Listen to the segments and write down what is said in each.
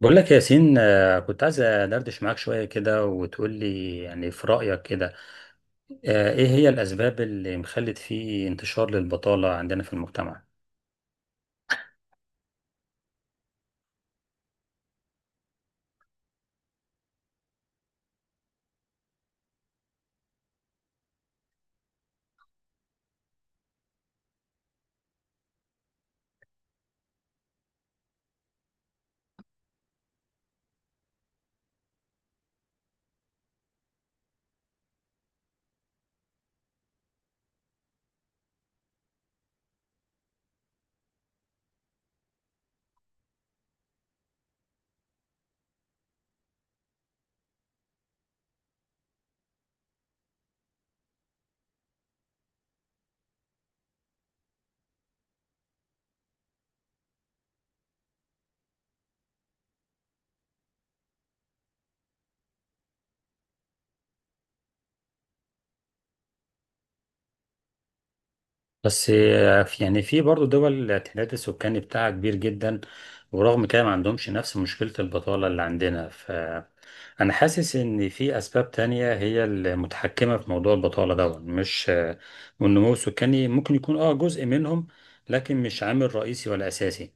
بقول لك يا ياسين، كنت عايز أدردش معاك شوية كده وتقول لي يعني في رأيك كده. إيه هي الأسباب اللي مخلت في انتشار للبطالة عندنا في المجتمع؟ بس يعني في برضه دول التعداد السكاني بتاعها كبير جدا، ورغم كده ما عندهمش نفس مشكلة البطالة اللي عندنا، فأنا حاسس إن في أسباب تانية هي المتحكمة في موضوع البطالة ده، مش والنمو السكاني ممكن يكون جزء منهم، لكن مش عامل رئيسي ولا أساسي.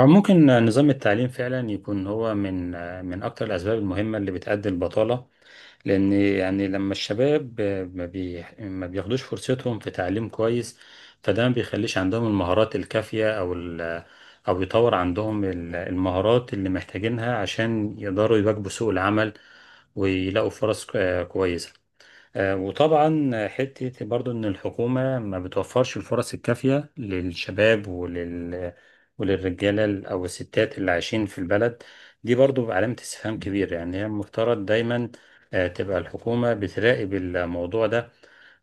ممكن نظام التعليم فعلا يكون هو من اكتر الاسباب المهمه اللي بتؤدي البطاله، لان يعني لما الشباب ما بياخدوش فرصتهم في تعليم كويس، فده ما بيخليش عندهم المهارات الكافيه او يطور عندهم المهارات اللي محتاجينها عشان يقدروا يواكبوا سوق العمل، ويلاقوا فرص كويسه. وطبعا حتة برضو إن الحكومة ما بتوفرش الفرص الكافية للشباب وللرجالة أو الستات اللي عايشين في البلد، دي برضو علامة استفهام كبيرة. يعني هي المفترض دايما تبقى الحكومة بتراقب الموضوع ده،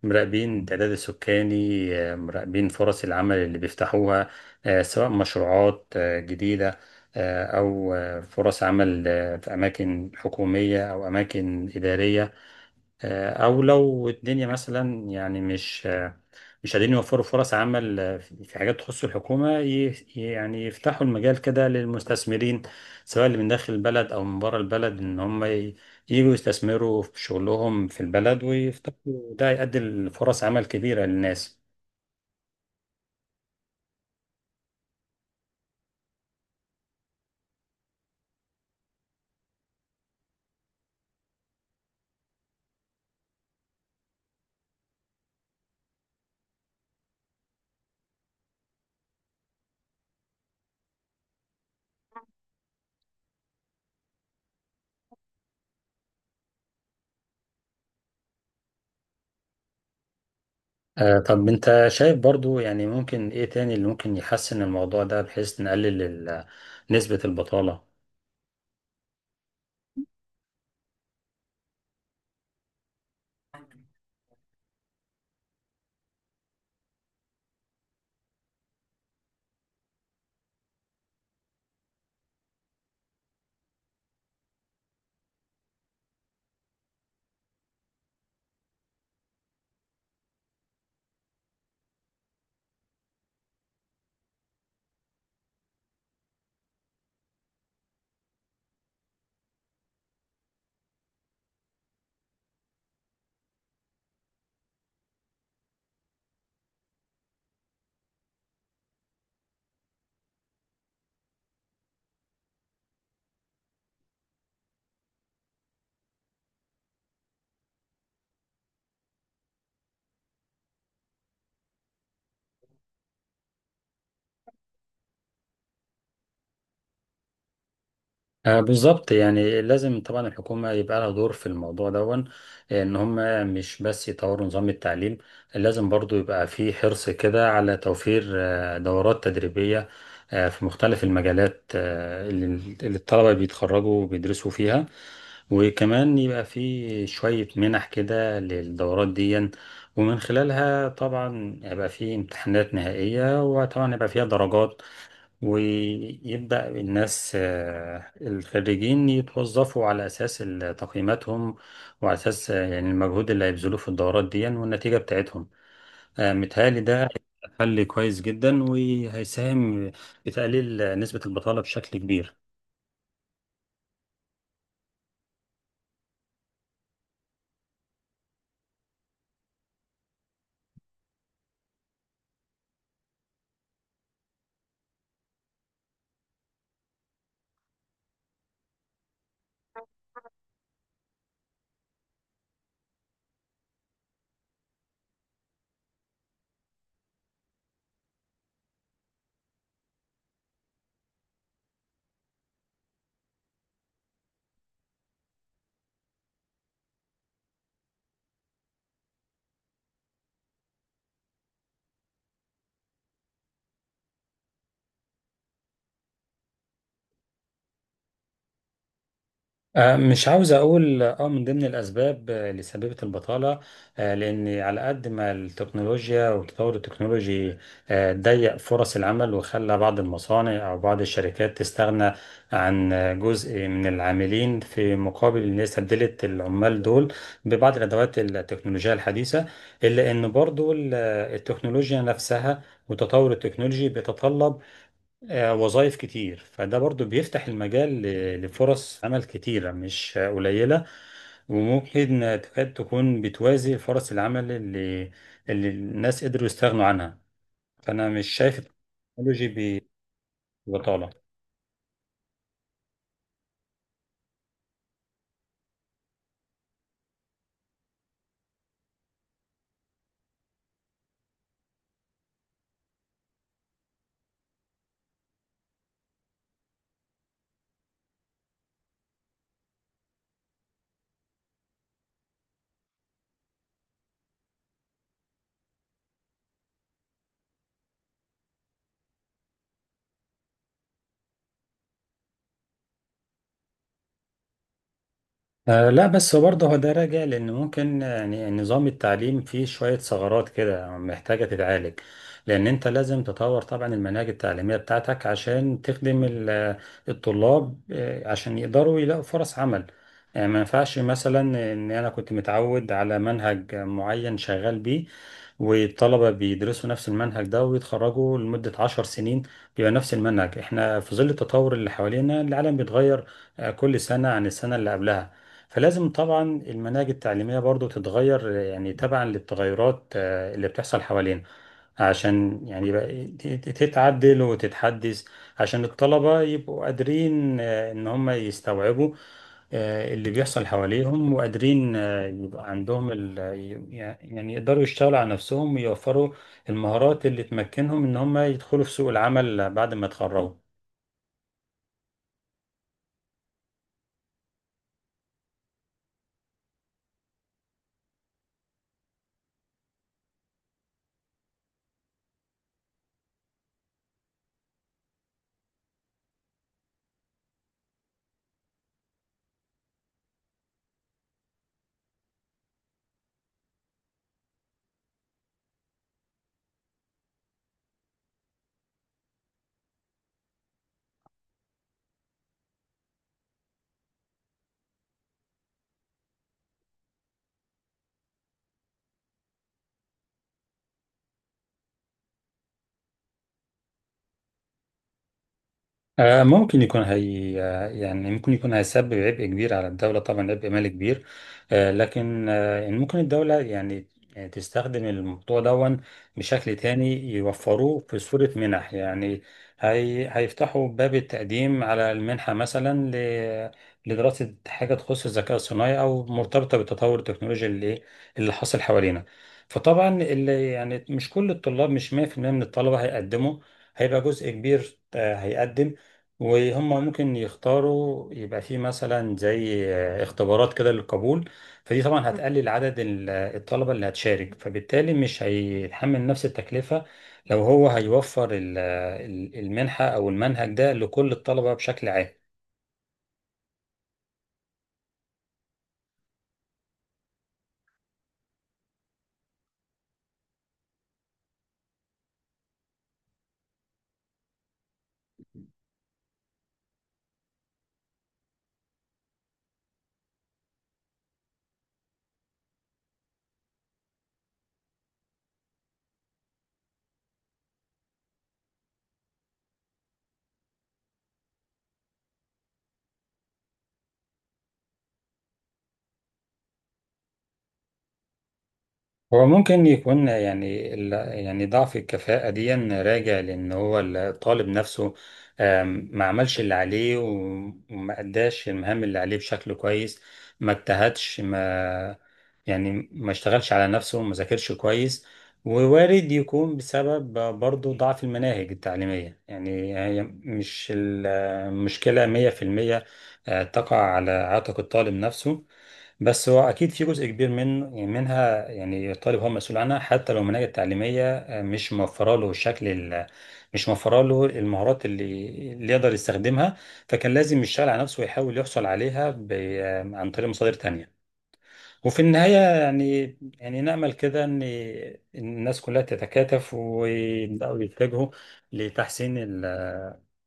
مراقبين التعداد السكاني، مراقبين فرص العمل اللي بيفتحوها، سواء مشروعات جديدة، أو فرص عمل في أماكن حكومية أو أماكن إدارية. او لو الدنيا مثلا يعني مش قادرين يوفروا فرص عمل في حاجات تخص الحكومه، يعني يفتحوا المجال كده للمستثمرين، سواء اللي من داخل البلد او من بره البلد، ان هم يجوا يستثمروا في شغلهم في البلد ويفتحوا، ده يؤدي لفرص عمل كبيره للناس. طب انت شايف برضو يعني ممكن ايه تاني اللي ممكن يحسن الموضوع ده، بحيث نقلل نسبه البطاله؟ بالظبط، يعني لازم طبعا الحكومة يبقى لها دور في الموضوع دون، ان هم مش بس يطوروا نظام التعليم، لازم برضو يبقى في حرص كده على توفير دورات تدريبية، في مختلف المجالات اللي الطلبة بيتخرجوا وبيدرسوا فيها. وكمان يبقى في شوية منح كده للدورات دي، ومن خلالها طبعا هيبقى في امتحانات نهائية، وطبعا هيبقى فيها درجات، ويبدأ الناس الخريجين يتوظفوا على أساس تقييماتهم، وعلى أساس يعني المجهود اللي هيبذلوه في الدورات دي، يعني والنتيجة بتاعتهم. متهيألي ده حل كويس جدا وهيساهم في تقليل نسبة البطالة بشكل كبير. مش عاوز اقول من ضمن الاسباب اللي سببت البطاله، لان على قد ما التكنولوجيا والتطور التكنولوجي ضيق فرص العمل، وخلى بعض المصانع او بعض الشركات تستغنى عن جزء من العاملين، في مقابل ان هي استبدلت العمال دول ببعض الادوات التكنولوجيه الحديثه، الا ان برضو التكنولوجيا نفسها وتطور التكنولوجي بيتطلب وظائف كتير، فده برضو بيفتح المجال لفرص عمل كتيرة مش قليلة، وممكن تكاد تكون بتوازي فرص العمل اللي الناس قدروا يستغنوا عنها، فأنا مش شايف التكنولوجي ببطالة. آه، لا، بس برضه هو ده راجع لان ممكن يعني نظام التعليم فيه شويه ثغرات كده محتاجه تتعالج، لان انت لازم تطور طبعا المناهج التعليميه بتاعتك عشان تخدم الطلاب، عشان يقدروا يلاقوا فرص عمل. يعني ما ينفعش مثلا ان انا كنت متعود على منهج معين شغال بيه، والطلبه بيدرسوا نفس المنهج ده ويتخرجوا لمده 10 سنين بيبقى نفس المنهج. احنا في ظل التطور اللي حوالينا العالم بيتغير كل سنه عن السنه اللي قبلها، فلازم طبعا المناهج التعليمية برضو تتغير يعني تبعا للتغيرات اللي بتحصل حوالينا، عشان يعني يبقى تتعدل وتتحدث، عشان الطلبة يبقوا قادرين ان هم يستوعبوا اللي بيحصل حواليهم، وقادرين يبقى عندهم يعني يقدروا يشتغلوا على نفسهم ويوفروا المهارات اللي تمكنهم ان هم يدخلوا في سوق العمل بعد ما يتخرجوا. ممكن يكون، هي يعني ممكن يكون هيسبب عبء كبير على الدولة، طبعا عبء مالي كبير، لكن يعني ممكن الدولة يعني تستخدم الموضوع دون بشكل تاني، يوفروه في صورة منح، يعني هي هيفتحوا باب التقديم على المنحة مثلا لدراسة حاجة تخص الذكاء الصناعي أو مرتبطة بالتطور التكنولوجي اللي حاصل حوالينا. فطبعا اللي يعني مش كل الطلاب، مش 100% من الطلبة هيقدموا، هيبقى جزء كبير هيقدم، وهم ممكن يختاروا يبقى فيه مثلا زي اختبارات كده للقبول، فدي طبعا هتقلل عدد الطلبة اللي هتشارك، فبالتالي مش هيتحمل نفس التكلفة لو هو هيوفر المنحة أو المنهج ده لكل الطلبة بشكل عام. هو ممكن يكون يعني يعني ضعف الكفاءة دي راجع لأن هو الطالب نفسه، ما عملش اللي عليه وما أداش المهام اللي عليه بشكل كويس، ما اجتهدش ما يعني ما اشتغلش على نفسه، ما ذاكرش كويس، ووارد يكون بسبب برضه ضعف المناهج التعليمية، يعني هي مش المشكلة 100% تقع على عاتق الطالب نفسه، بس هو اكيد في جزء كبير من، يعني منها، يعني الطالب هو مسؤول عنها حتى لو المناهج التعليميه مش موفره له الشكل مش موفره له المهارات اللي يقدر يستخدمها، فكان لازم يشتغل على نفسه ويحاول يحصل عليها عن طريق مصادر تانية. وفي النهاية يعني يعني نأمل كده إن الناس كلها تتكاتف ويبدأوا يتجهوا لتحسين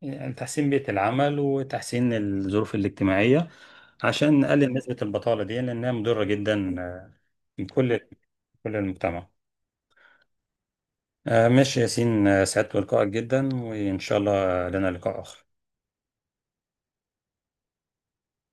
يعني تحسين بيئة العمل وتحسين الظروف الاجتماعية، عشان نقلل نسبة البطالة دي لأنها مضرة جدا بكل كل المجتمع. ماشي ياسين، سعدت بلقائك جدا وإن شاء الله لنا لقاء آخر.